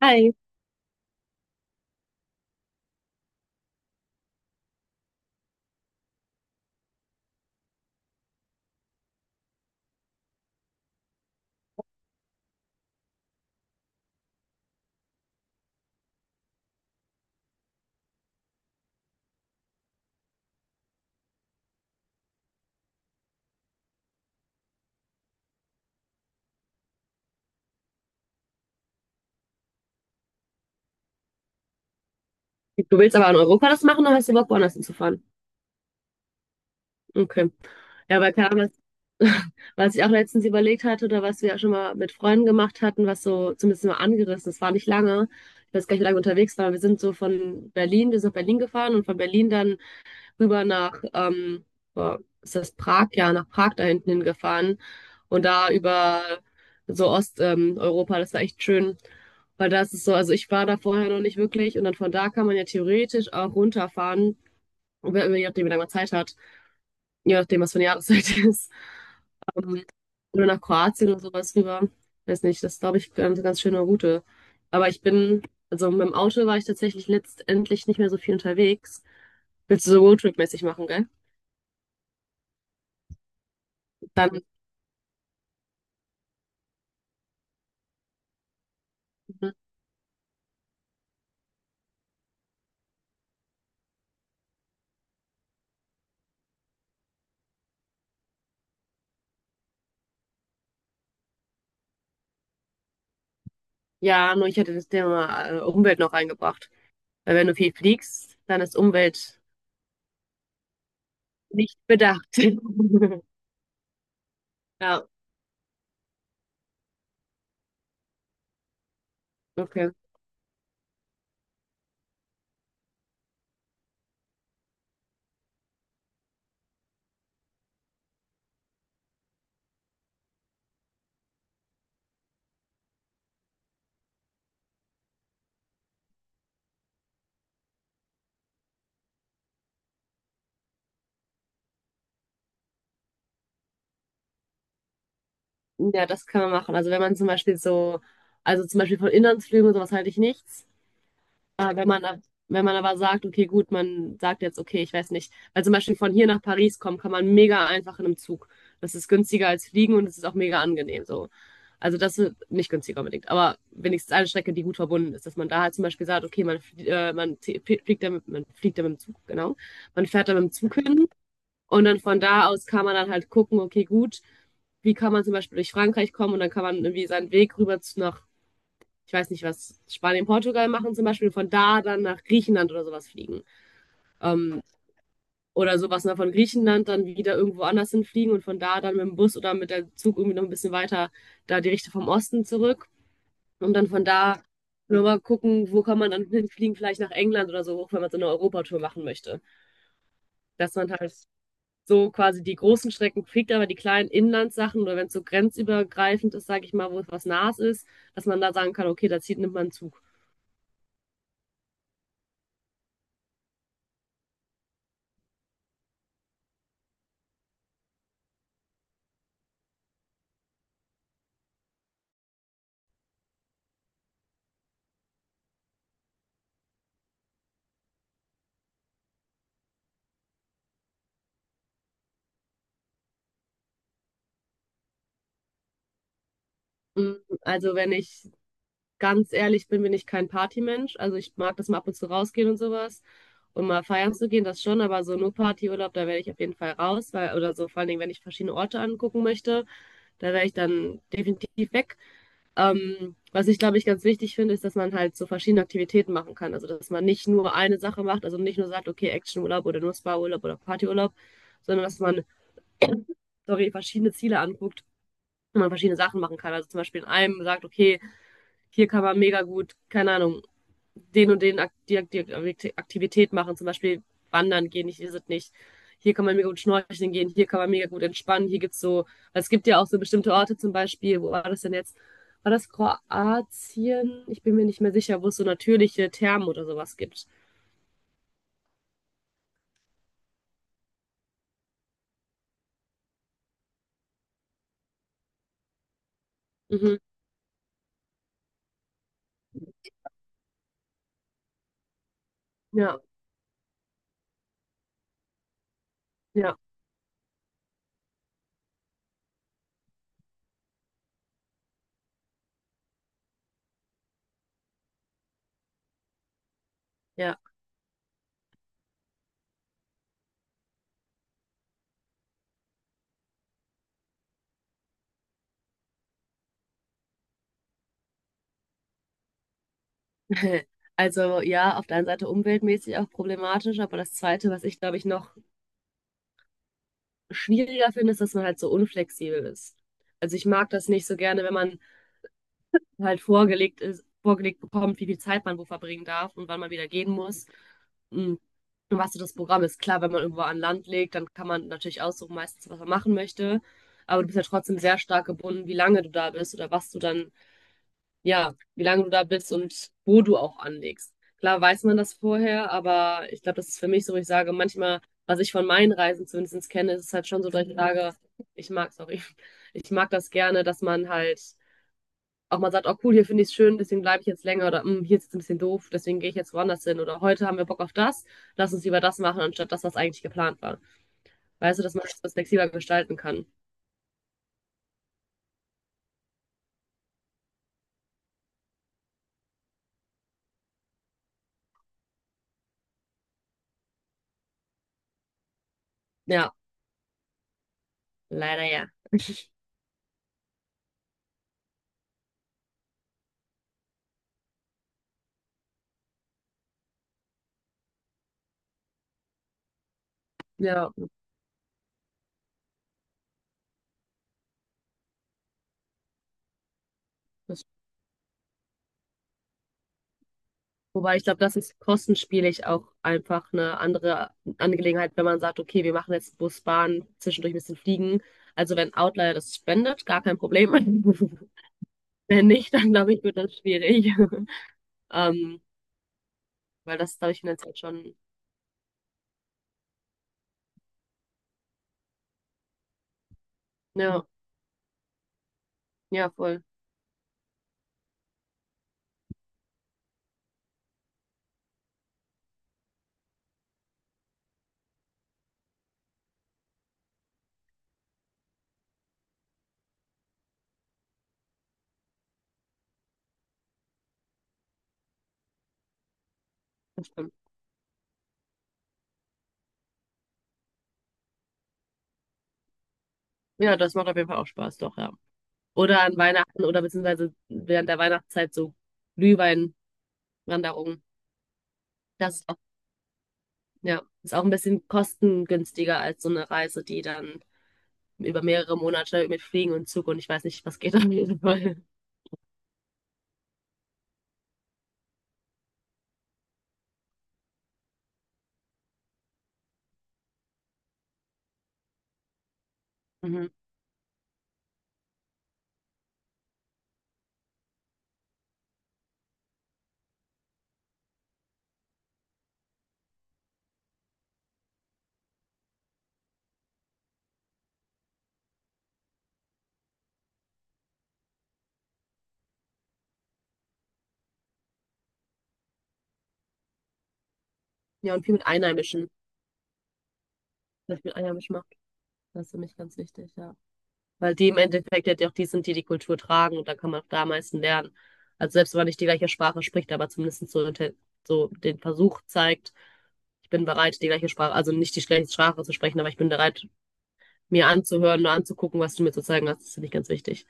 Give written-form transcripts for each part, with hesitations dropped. Hi. Du willst aber in Europa das machen oder hast du Bock, woanders hinzufahren? Okay. Ja, weil keine Ahnung, was, was ich auch letztens überlegt hatte oder was wir ja schon mal mit Freunden gemacht hatten, was so zumindest mal angerissen ist, war nicht lange. Ich weiß gar nicht, wie lange wir unterwegs waren. Wir sind so von Berlin, wir sind nach Berlin gefahren und von Berlin dann rüber nach, boah, ist das Prag? Ja, nach Prag da hinten hingefahren und da über so Osteuropa, Europa, das war echt schön, weil das ist so, also ich war da vorher noch nicht wirklich und dann von da kann man ja theoretisch auch runterfahren, je nachdem, wie lange man Zeit hat, je nachdem, was für eine Jahreszeit ist. Ähm, oder nach Kroatien und sowas rüber. Weiß nicht, das ist, glaube ich, eine ganz schöne Route. Aber ich bin, also mit dem Auto war ich tatsächlich letztendlich nicht mehr so viel unterwegs. Willst du so Roadtrip-mäßig machen, gell? Dann ja, nur ich hätte das Thema Umwelt noch reingebracht. Weil wenn du viel fliegst, dann ist Umwelt nicht bedacht. Ja, okay. Ja, das kann man machen. Also wenn man zum Beispiel so, also zum Beispiel von Inlandsflügen und sowas halte ich nichts. Ja, wenn man, wenn man aber sagt, okay, gut, man sagt jetzt, okay, ich weiß nicht, weil zum Beispiel von hier nach Paris kommen, kann man mega einfach in einem Zug. Das ist günstiger als fliegen und es ist auch mega angenehm so. Also das ist nicht günstiger unbedingt, aber wenigstens eine Strecke, die gut verbunden ist, dass man da halt zum Beispiel sagt, okay, man, fliegt da mit, man fliegt da mit dem Zug, genau. Man fährt da mit dem Zug hin und dann von da aus kann man dann halt gucken, okay, gut, wie kann man zum Beispiel durch Frankreich kommen und dann kann man irgendwie seinen Weg rüber nach ich weiß nicht was, Spanien, Portugal machen zum Beispiel, von da dann nach Griechenland oder sowas fliegen. Ähm, oder sowas ne, von Griechenland dann wieder irgendwo anders hinfliegen und von da dann mit dem Bus oder mit dem Zug irgendwie noch ein bisschen weiter da die Richtung vom Osten zurück und dann von da nochmal gucken, wo kann man dann hinfliegen, vielleicht nach England oder so hoch, wenn man so eine Europatour machen möchte. Dass man halt so quasi die großen Strecken fliegt, aber die kleinen Inlandssachen oder wenn es so grenzübergreifend ist, sage ich mal, wo was nahes ist, dass man da sagen kann, okay, nimmt man einen Zug. Mm, also wenn ich ganz ehrlich bin, bin ich kein Partymensch. Also ich mag das mal ab und zu rausgehen und sowas und mal feiern zu gehen, das schon, aber so nur Partyurlaub, da werde ich auf jeden Fall raus, weil, oder so vor allen Dingen, wenn ich verschiedene Orte angucken möchte, da wäre ich dann definitiv weg. Was ich, glaube ich, ganz wichtig finde, ist, dass man halt so verschiedene Aktivitäten machen kann. Also dass man nicht nur eine Sache macht, also nicht nur sagt, okay, Actionurlaub oder nur Spa-Urlaub oder Partyurlaub, sondern dass man, sorry, verschiedene Ziele anguckt und man verschiedene Sachen machen kann. Also zum Beispiel in einem sagt, okay, hier kann man mega gut, keine Ahnung, den und den Aktivität machen, zum Beispiel wandern gehen, ich weiß es nicht. Hier kann man mega gut schnorcheln gehen, hier kann man mega gut entspannen, hier gibt's so, es gibt ja auch so bestimmte Orte zum Beispiel, wo war das denn jetzt? War das Kroatien? Ich bin mir nicht mehr sicher, wo es so natürliche Thermen oder sowas gibt. Mhm. Ja, ja, ja. Also ja, auf der einen Seite umweltmäßig auch problematisch, aber das Zweite, was ich glaube ich noch schwieriger finde, ist, dass man halt so unflexibel ist. Also ich mag das nicht so gerne, wenn man halt vorgelegt ist, vorgelegt bekommt, wie viel Zeit man wo verbringen darf und wann man wieder gehen muss. Hm. Und was so das Programm ist. Klar, wenn man irgendwo an Land legt, dann kann man natürlich aussuchen, meistens, was man machen möchte. Aber du bist ja trotzdem sehr stark gebunden, wie lange du da bist oder was du dann, ja, wie lange du da bist und wo du auch anlegst. Klar weiß man das vorher, aber ich glaube, das ist für mich so, wo ich sage, manchmal, was ich von meinen Reisen zumindest kenne, ist es halt schon so, dass ich sage, ich mag, sorry, ich mag das gerne, dass man halt auch mal sagt, oh cool, hier finde ich es schön, deswegen bleibe ich jetzt länger oder "Hm, hier ist es ein bisschen doof, deswegen gehe ich jetzt woanders hin oder heute haben wir Bock auf das, lass uns lieber das machen, anstatt das, was eigentlich geplant war. Weißt du, dass man das flexibler gestalten kann. Ja, leider ja. Ja. Das, wobei ich glaube, das ist kostenspielig auch einfach eine andere Angelegenheit, wenn man sagt, okay, wir machen jetzt Bus, Bahn, zwischendurch ein bisschen fliegen. Also wenn Outlier das spendet, gar kein Problem. Wenn nicht, dann glaube ich, wird das schwierig. Ähm, weil das, glaube ich, finanziell schon, ja, ja, voll. Das stimmt. Ja, das macht auf jeden Fall auch Spaß, doch, ja. Oder an Weihnachten oder beziehungsweise während der Weihnachtszeit so Glühweinwanderungen. Das ist auch, ja, ist auch ein bisschen kostengünstiger als so eine Reise, die dann über mehrere Monate mit Fliegen und Zug und ich weiß nicht, was geht auf jeden Fall. Mhm. Ja, und viel mit Einheimischen, was ich mit Einheimischen mache, das ist für mich ganz wichtig, ja. Weil die im Endeffekt ja auch die sind, die die Kultur tragen und da kann man auch da am meisten lernen. Also selbst wenn man nicht die gleiche Sprache spricht, aber zumindest so, so den Versuch zeigt, ich bin bereit, die gleiche Sprache, also nicht die gleiche Sprache zu sprechen, aber ich bin bereit, mir anzuhören oder anzugucken, was du mir zu zeigen hast. Das finde ich ganz wichtig.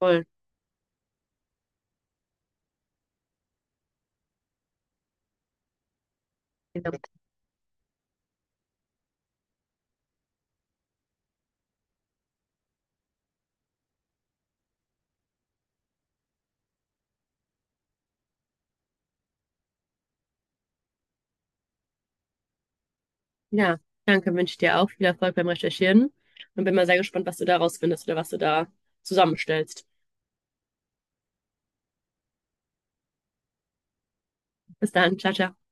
Voll. Ja, danke, wünsche ich dir auch viel Erfolg beim Recherchieren und bin mal sehr gespannt, was du da rausfindest oder was du da zusammenstellst. Bis dann, ciao, ciao.